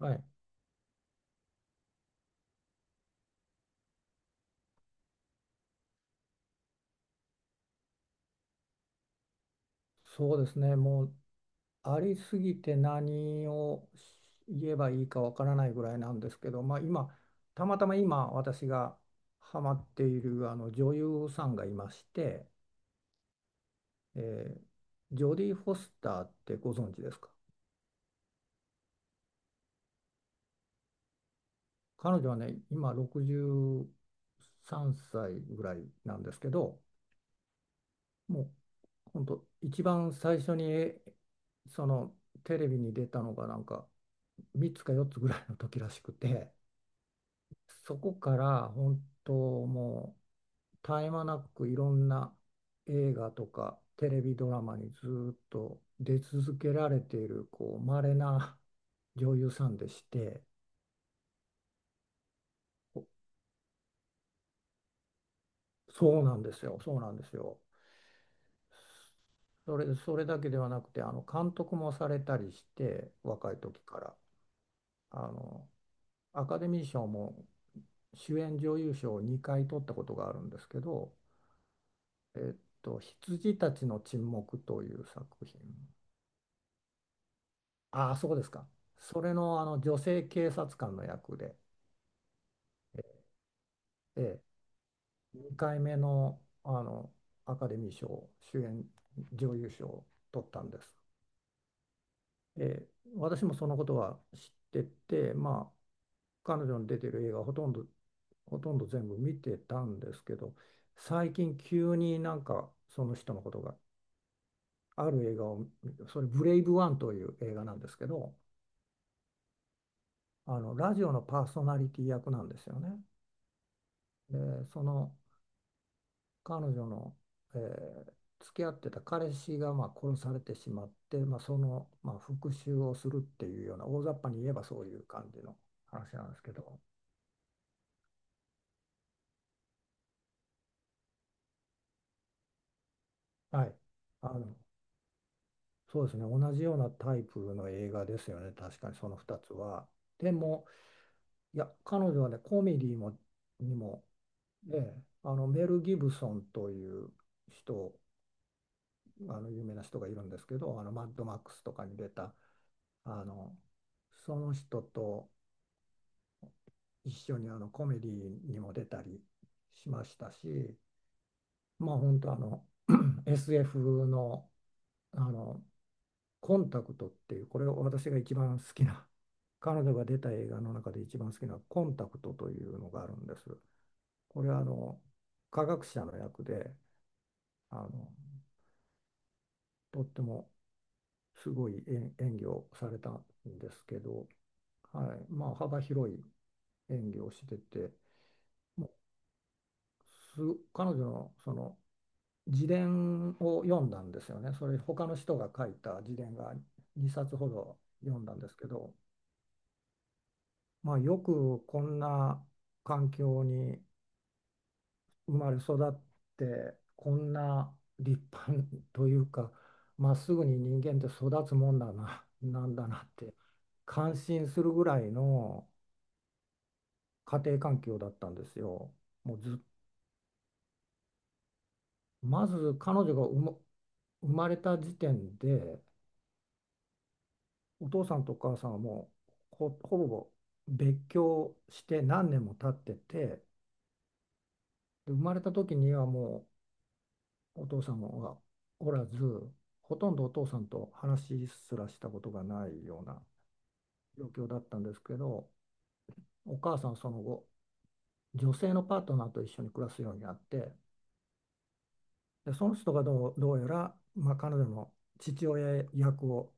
はい、そうですね、もうありすぎて何を言えばいいかわからないぐらいなんですけど、まあ、今、たまたま今、私がハマっているあの女優さんがいまして、えージョディ・フォスターってご存知ですか？彼女はね、今63歳ぐらいなんですけど、もう本当、一番最初にそのテレビに出たのが、なんか3つか4つぐらいの時らしくて。そこから本当もう絶え間なくいろんな映画とかテレビドラマにずっと出続けられているこう稀な女優さんでして。おそうなんですよ、そうなんですよ。それだけではなくて、監督もされたりして、若い時からあのアカデミー賞も主演女優賞を2回取ったことがあるんですけど、「羊たちの沈黙」という作品、ああ、そうですか。それの、女性警察官の役で、ええ、2回目の、アカデミー賞、主演女優賞を取ったんです。ええ、私もそのことは知ってて、まあ、彼女の出てる映画ほとんど全部見てたんですけど、最近急になんかその人のことが、ある映画を、それブレイブワンという映画なんですけど、ラジオのパーソナリティ役なんですよね。で、その彼女の、えー付き合ってた彼氏がまあ殺されてしまって、まあ、その、まあ、復讐をするっていうような、大雑把に言えばそういう感じの話なんですけど、はい、あのそうですね、同じようなタイプの映画ですよね、確かにその2つは。でも、いや彼女はね、コメディにもね、ええ、メル・ギブソンという人、有名な人がいるんですけど、マッドマックスとかに出た、あのその人と一緒にコメディにも出たりしましたし、まあ本当、SF の、あのコンタクトっていう、これを私が一番好きな、彼女が出た映画の中で一番好きな、コンタクトというのがあるんです。これは科学者の役で、あのとってもすごい演技をされたんですけど、はい、まあ幅広い演技をしてて、もうす彼女のその自伝を読んだんですよね。それ、他の人が書いた自伝が2冊ほど読んだんですけど、まあ、よくこんな環境に生まれ育って、こんな立派というか、まっすぐに人間って育つもんだな、なんだなって感心するぐらいの家庭環境だったんですよ。もうず、まず彼女が生まれた時点で、お父さんとお母さんはもうほぼ別居して何年も経ってて、で、生まれた時にはもうお父さんはおらず、ほとんどお父さんと話すらしたことがないような状況だったんですけど、お母さんはその後、女性のパートナーと一緒に暮らすようになって、で、その人がどうやら、まあ、彼女の父親役を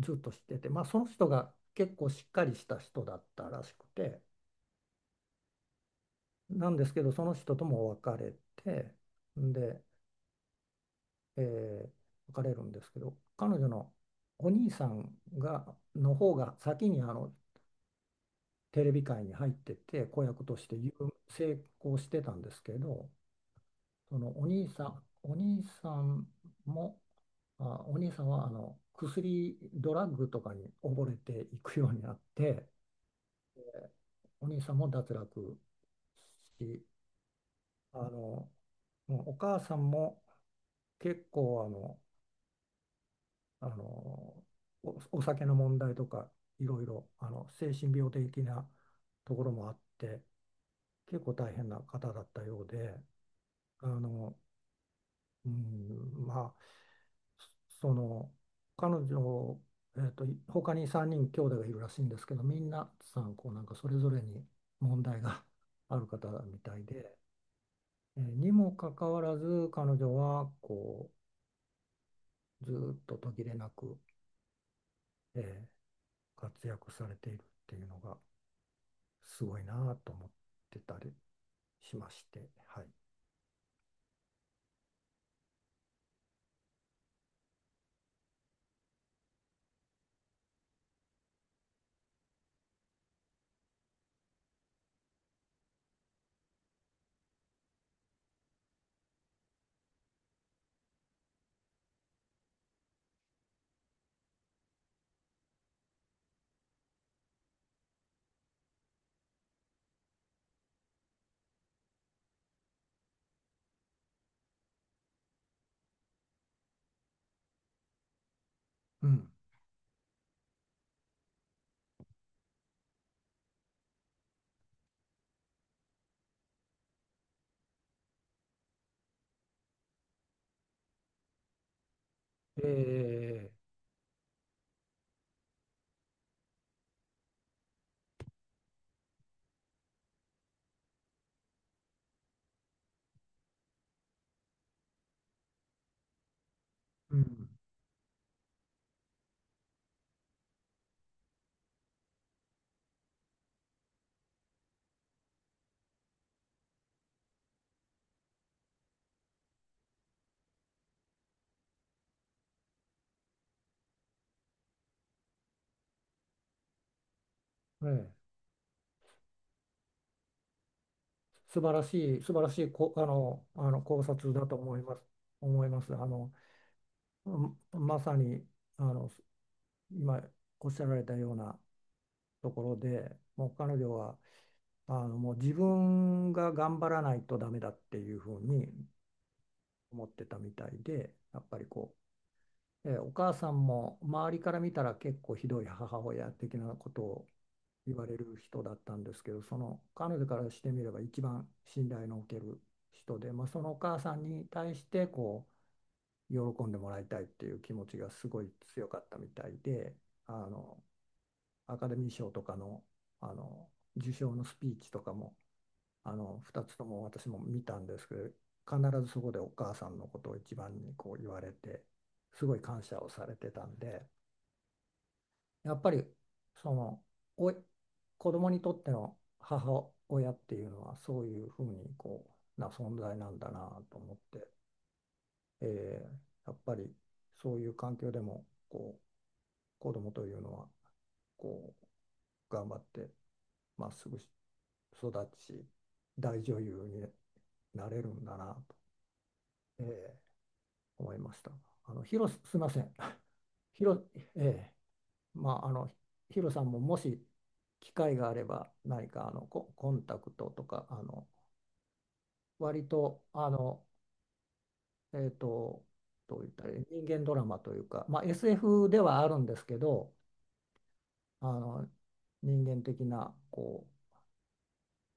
ずっとしてて、まあ、その人が結構しっかりした人だったらしくて。なんですけど、その人とも別れて、んで、えー別れるんですけど、彼女のお兄さんがの方が先にテレビ界に入ってて、子役として成功してたんですけど、そのお兄さんも、お兄さんは薬、ドラッグとかに溺れていくようになって、お兄さんも脱落し、あの、もうお母さんも結構あのお、お酒の問題とか、いろいろ精神病的なところもあって、結構大変な方だったようで、あの、うん、まあその彼女、他に3人兄弟がいるらしいんですけど、みんなさん、こうなんかそれぞれに問題が ある方みたいで、にもかかわらず彼女はこう、ずーっと途切れなく、えー活躍されているっていうのがすごいなと思ってたりしまして、はい。うん。えうん。えー、素晴らしい、素晴らしいこ、あの、あの考察だと思います。思います。あの、うんまさに、あの、今おっしゃられたようなところで、もう彼女は、あの、もう自分が頑張らないとダメだっていうふうに思ってたみたいで、やっぱりこう、お母さんも周りから見たら結構ひどい母親的なことを言われる人だったんですけど、その彼女からしてみれば一番信頼のおける人で、まあ、そのお母さんに対してこう喜んでもらいたいっていう気持ちがすごい強かったみたいで、あのアカデミー賞とかの、あの受賞のスピーチとかも、2つとも私も見たんですけど、必ずそこでお母さんのことを一番にこう言われて、すごい感謝をされてたんで。やっぱりその、おい子供にとっての母親っていうのは、そういうふうにこうな存在なんだなと思って、えーやっぱりそういう環境でもこう、子供というのはこう頑張って、まっすぐ育ち、大女優になれるんだなと、えー思いました。あの広す、すいません。ええ、まあ、ヒロさんも、もし機会があれば何か、コンタクトとか、あの割と、あの、えーと、どう言ったらいい、人間ドラマというか、まあ、SF ではあるんですけど、あの人間的なこ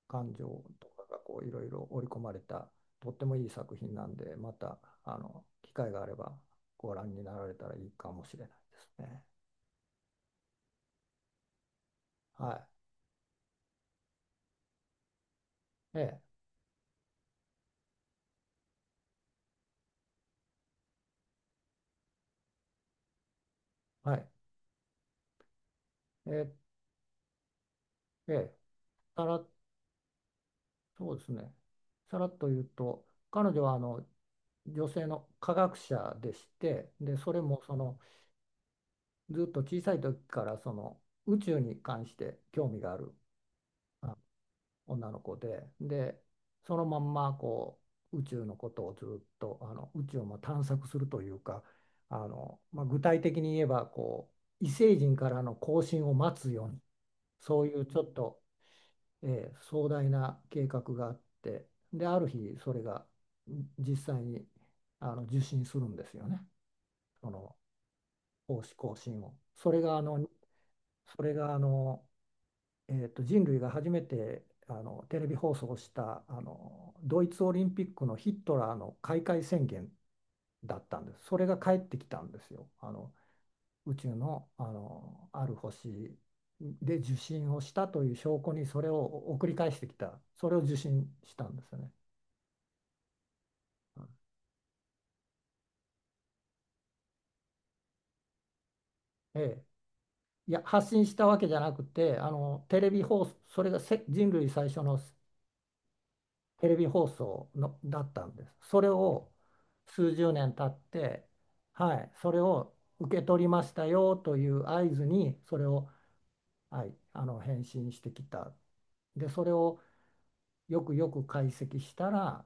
う感情とかがこう、いろいろ織り込まれたとってもいい作品なんで、また機会があればご覧になられたらいいかもしれないですね。はい。ええ、はい。ええ、ええ。たらそうですね。さらっと言うと、彼女は女性の科学者でして、で、それもその、ずっと小さい時からその宇宙に関して興味があるあ女の子で、で、そのまんま、こう宇宙のことをずっと、宇宙をまあ探索するというか、あの、まあ、具体的に言えばこう、異星人からの交信を待つように、そういうちょっと壮大な計画があって、である日それが実際に受信するんですよね、その奉仕更新を。それが人類が初めてテレビ放送した、ドイツオリンピックのヒットラーの開会宣言だったんです。それが帰ってきたんですよ。宇宙の、あのある星で受信をしたという証拠にそれを送り返してきた、それを受信したんですよね。ええ、いや発信したわけじゃなくて、テレビ放送、それが人類最初のテレビ放送のだったんです、それを数十年経って、はい、それを受け取りましたよという合図にそれを、はい、返信してきた。でそれをよくよく解析したら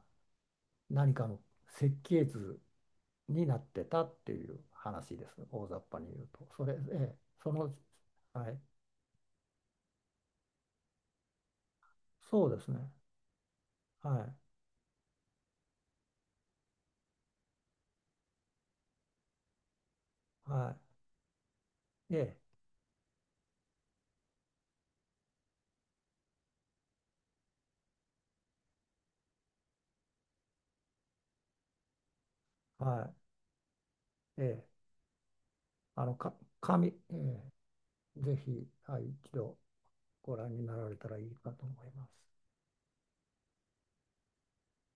何かの設計図になってたっていう話です、大雑把に言うと。それ、ええ、その、はい、そうですね。はい。はい。ええ、はい。ええ、あの、か、ええ、ぜひ、はい、一度ご覧になられたらいいかと思います。